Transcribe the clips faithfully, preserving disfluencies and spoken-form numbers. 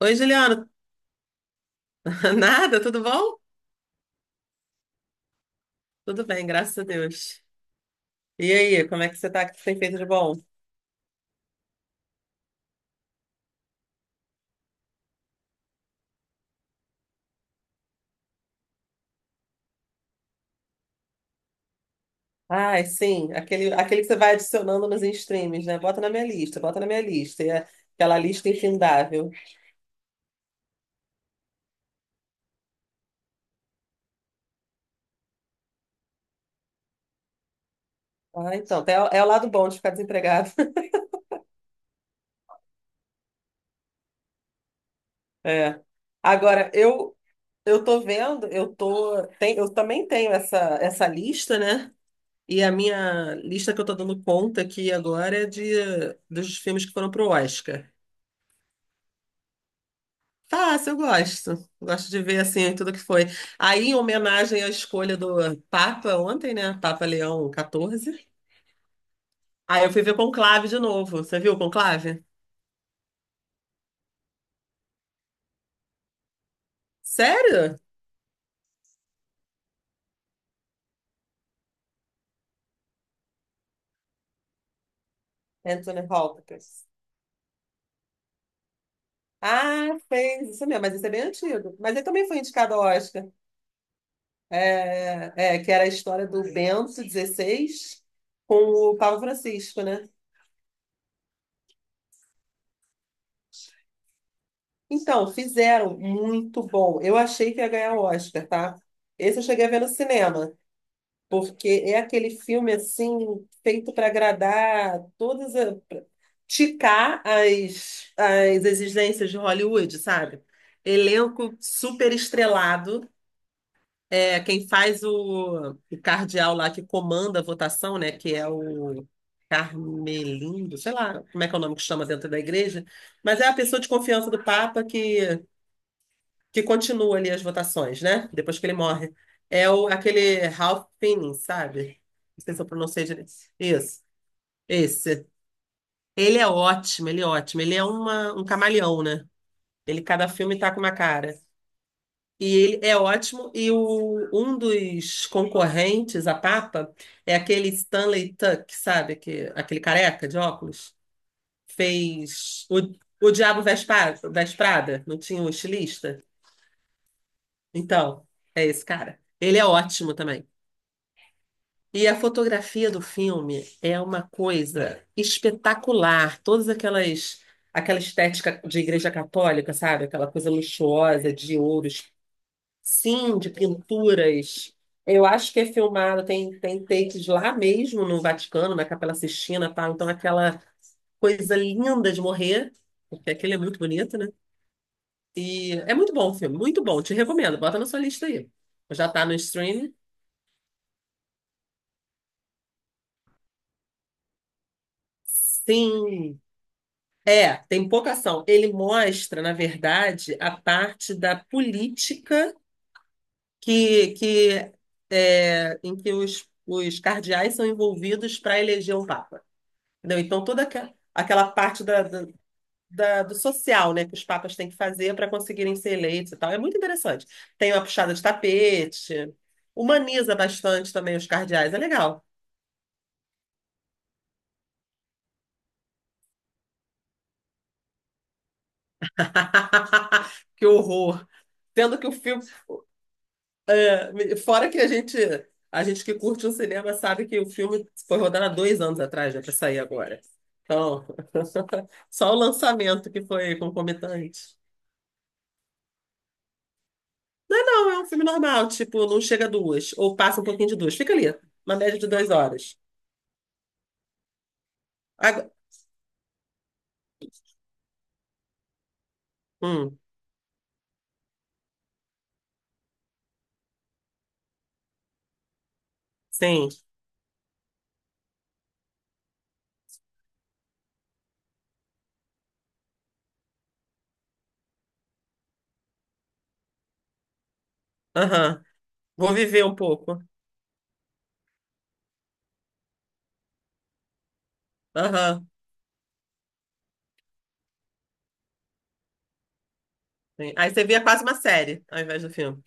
Oi, Juliana. Nada, tudo bom? Tudo bem, graças a Deus. E aí, como é que você tá? O que você tem feito de bom? Ai, sim, aquele, aquele que você vai adicionando nos streams, né? Bota na minha lista, bota na minha lista. E é aquela lista infindável. Ah, então, é, o- é o lado bom de ficar desempregado. É. Agora, eu eu tô vendo, eu tô, tem, eu também tenho essa essa lista, né? E a minha lista que eu tô dando conta aqui agora é de dos filmes que foram pro Oscar. Fácil, eu gosto. Gosto de ver assim tudo que foi. Aí, em homenagem à escolha do Papa ontem, né? Papa Leão quatorze. Aí eu fui ver Conclave de novo. Você viu o Conclave? Sério? Anthony Hopkins. Ah, fez isso mesmo, mas isso é bem antigo. Mas ele também foi indicado ao Oscar. É, é, que era a história do Bento dezesseis com o Papa Francisco, né? Então, fizeram muito bom. Eu achei que ia ganhar o Oscar, tá? Esse eu cheguei a ver no cinema. Porque é aquele filme assim feito para agradar todas a, pra ticar as, as exigências de Hollywood, sabe? Elenco super estrelado. É, quem faz o, o cardeal lá que comanda a votação, né? Que é o Carmelindo, sei lá como é que é o nome que chama dentro da igreja, mas é a pessoa de confiança do Papa que que continua ali as votações, né? Depois que ele morre. É o, aquele Ralph Fiennes, sabe? Não sei se eu pronunciei direito. Isso, esse. Ele é ótimo, ele é ótimo. Ele é uma, um camaleão, né? Ele, cada filme tá com uma cara. E ele é ótimo. E o, um dos concorrentes a Papa é aquele Stanley Tuck, sabe? Que, aquele careca de óculos. Fez o, o Diabo Veste Pa- Veste Prada, não tinha um estilista? Então, é esse cara. Ele é ótimo também. E a fotografia do filme é uma coisa espetacular. Todas aquelas, aquela estética de igreja católica, sabe? Aquela coisa luxuosa de ouros, sim, de pinturas. Eu acho que é filmado, tem, tem takes lá mesmo no Vaticano, na Capela Sistina, tá? Então aquela coisa linda de morrer, porque aquele é muito bonito, né? E é muito bom o filme, muito bom. Te recomendo, bota na sua lista aí. Já tá no streaming? Sim. É, tem pouca ação. Ele mostra, na verdade, a parte da política que, que é, em que os, os cardeais são envolvidos para eleger o Papa. Entendeu? Então, toda aqua- aquela parte da, da- da- do social, né, que os papas têm que fazer para conseguirem ser eleitos e tal. É muito interessante. Tem uma puxada de tapete, humaniza bastante também os cardeais. É legal. Que horror. Sendo que o filme Fora que a gente, a gente que curte um cinema sabe que o filme foi rodado há dois anos atrás, né, para sair agora. Então, só o lançamento que foi concomitante. Não, é um filme normal, tipo, não chega a duas, ou passa um pouquinho de duas. Fica ali, uma média de duas horas. Agora, hum, sim, aham. Vou viver um pouco. Aham. Sim. Aí você via quase uma série ao invés do filme.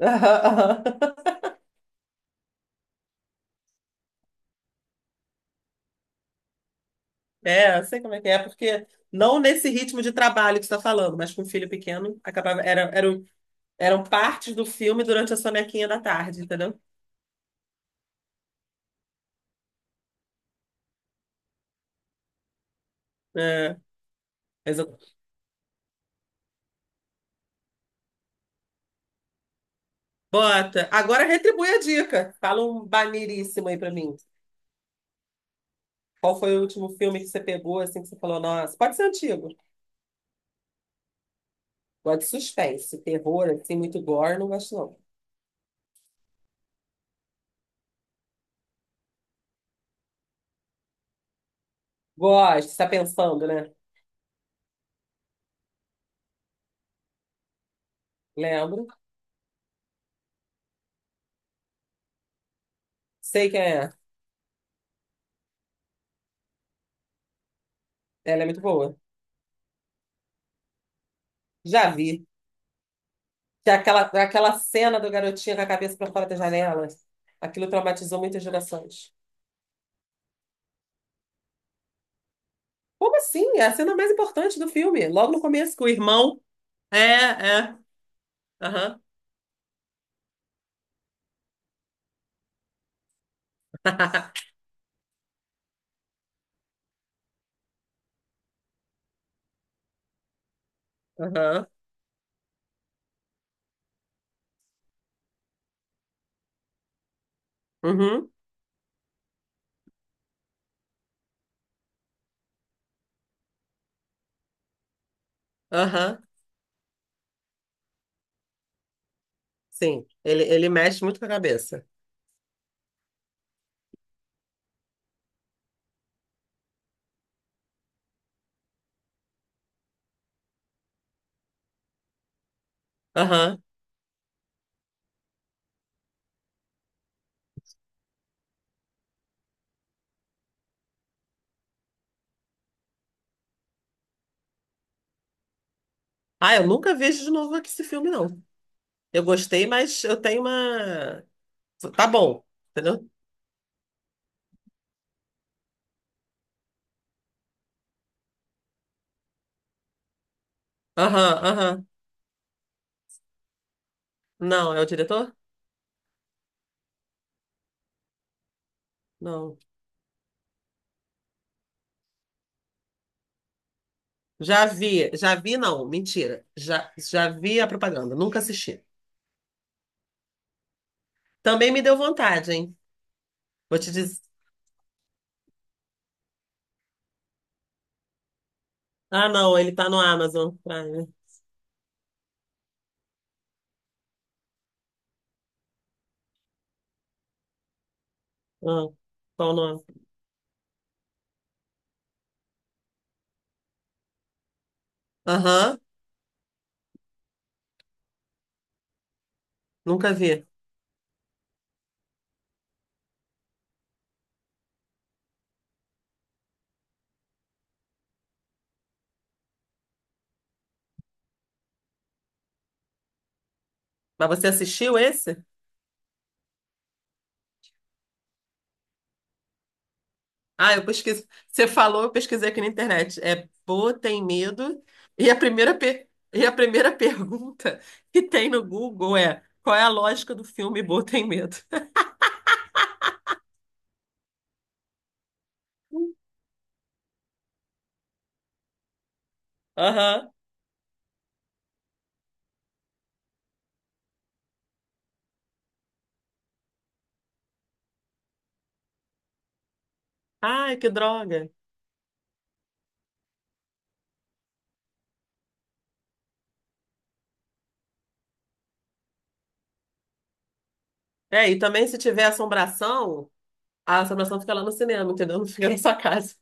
Aham, aham. É, eu sei como é que é, porque não nesse ritmo de trabalho que você está falando, mas com um filho pequeno, acabava, era, eram, eram partes do filme durante a sonequinha da tarde, entendeu? É, exa- Bota. Agora retribui a dica. Fala um maneiríssimo aí pra mim. Qual foi o último filme que você pegou, assim, que você falou, nossa, pode ser antigo. Gosto de suspense, terror, assim, muito gore, não gosto não. Gosto, você tá pensando, né? Lembro. Sei quem é. Ela é muito boa. Já vi. Que é aquela, é aquela cena do garotinho com a cabeça para fora da janela, aquilo traumatizou muitas gerações. Como assim? É a cena mais importante do filme, logo no começo, com o irmão. É, é. Aham. Aham. Uhum. Aham. Sim, ele, ele mexe muito com a cabeça. Aham. Ah, eu nunca vejo de novo aqui esse filme, não. Eu gostei, mas eu tenho uma. Tá bom, entendeu? Aham, aham. Não, é o diretor? Não. Já vi, já vi, não, mentira. Já, já vi a propaganda, nunca assisti. Também me deu vontade, hein? Vou te dizer. Ah, não, ele tá no Amazon Prime. Ah, qual o nome? Aham, nunca vi. Mas você assistiu esse? Ah, eu pesquisei. Você falou, eu pesquisei aqui na internet. É Pô, tem medo. E a primeira, pe- e a primeira pergunta que tem no Google é: qual é a lógica do filme Pô, tem medo? Aham. Ai, que droga. É, e também se tiver assombração. A assombração fica lá no cinema, entendeu? Não fica na sua casa.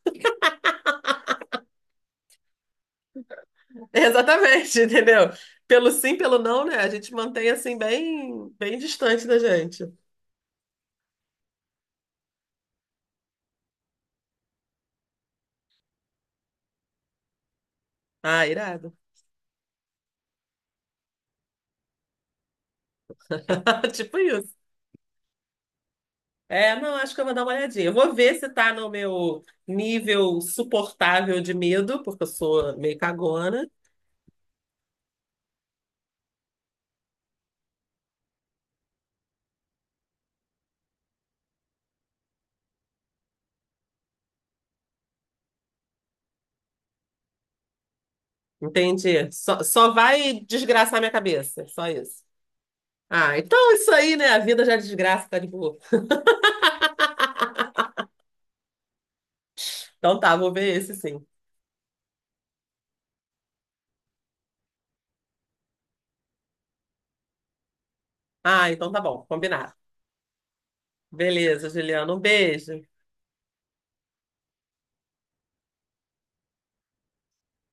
Exatamente, entendeu? Pelo sim, pelo não, né? A gente mantém assim bem, bem distante da gente. Ah, irado. Tipo isso. É, não, acho que eu vou dar uma olhadinha. Eu vou ver se tá no meu nível suportável de medo, porque eu sou meio cagona. Entendi. Só, só vai desgraçar minha cabeça, só isso. Ah, então é isso aí, né? A vida já é desgraça, tá de boa. Então tá, vou ver esse sim. Ah, então tá bom, combinado. Beleza, Juliana. Um beijo.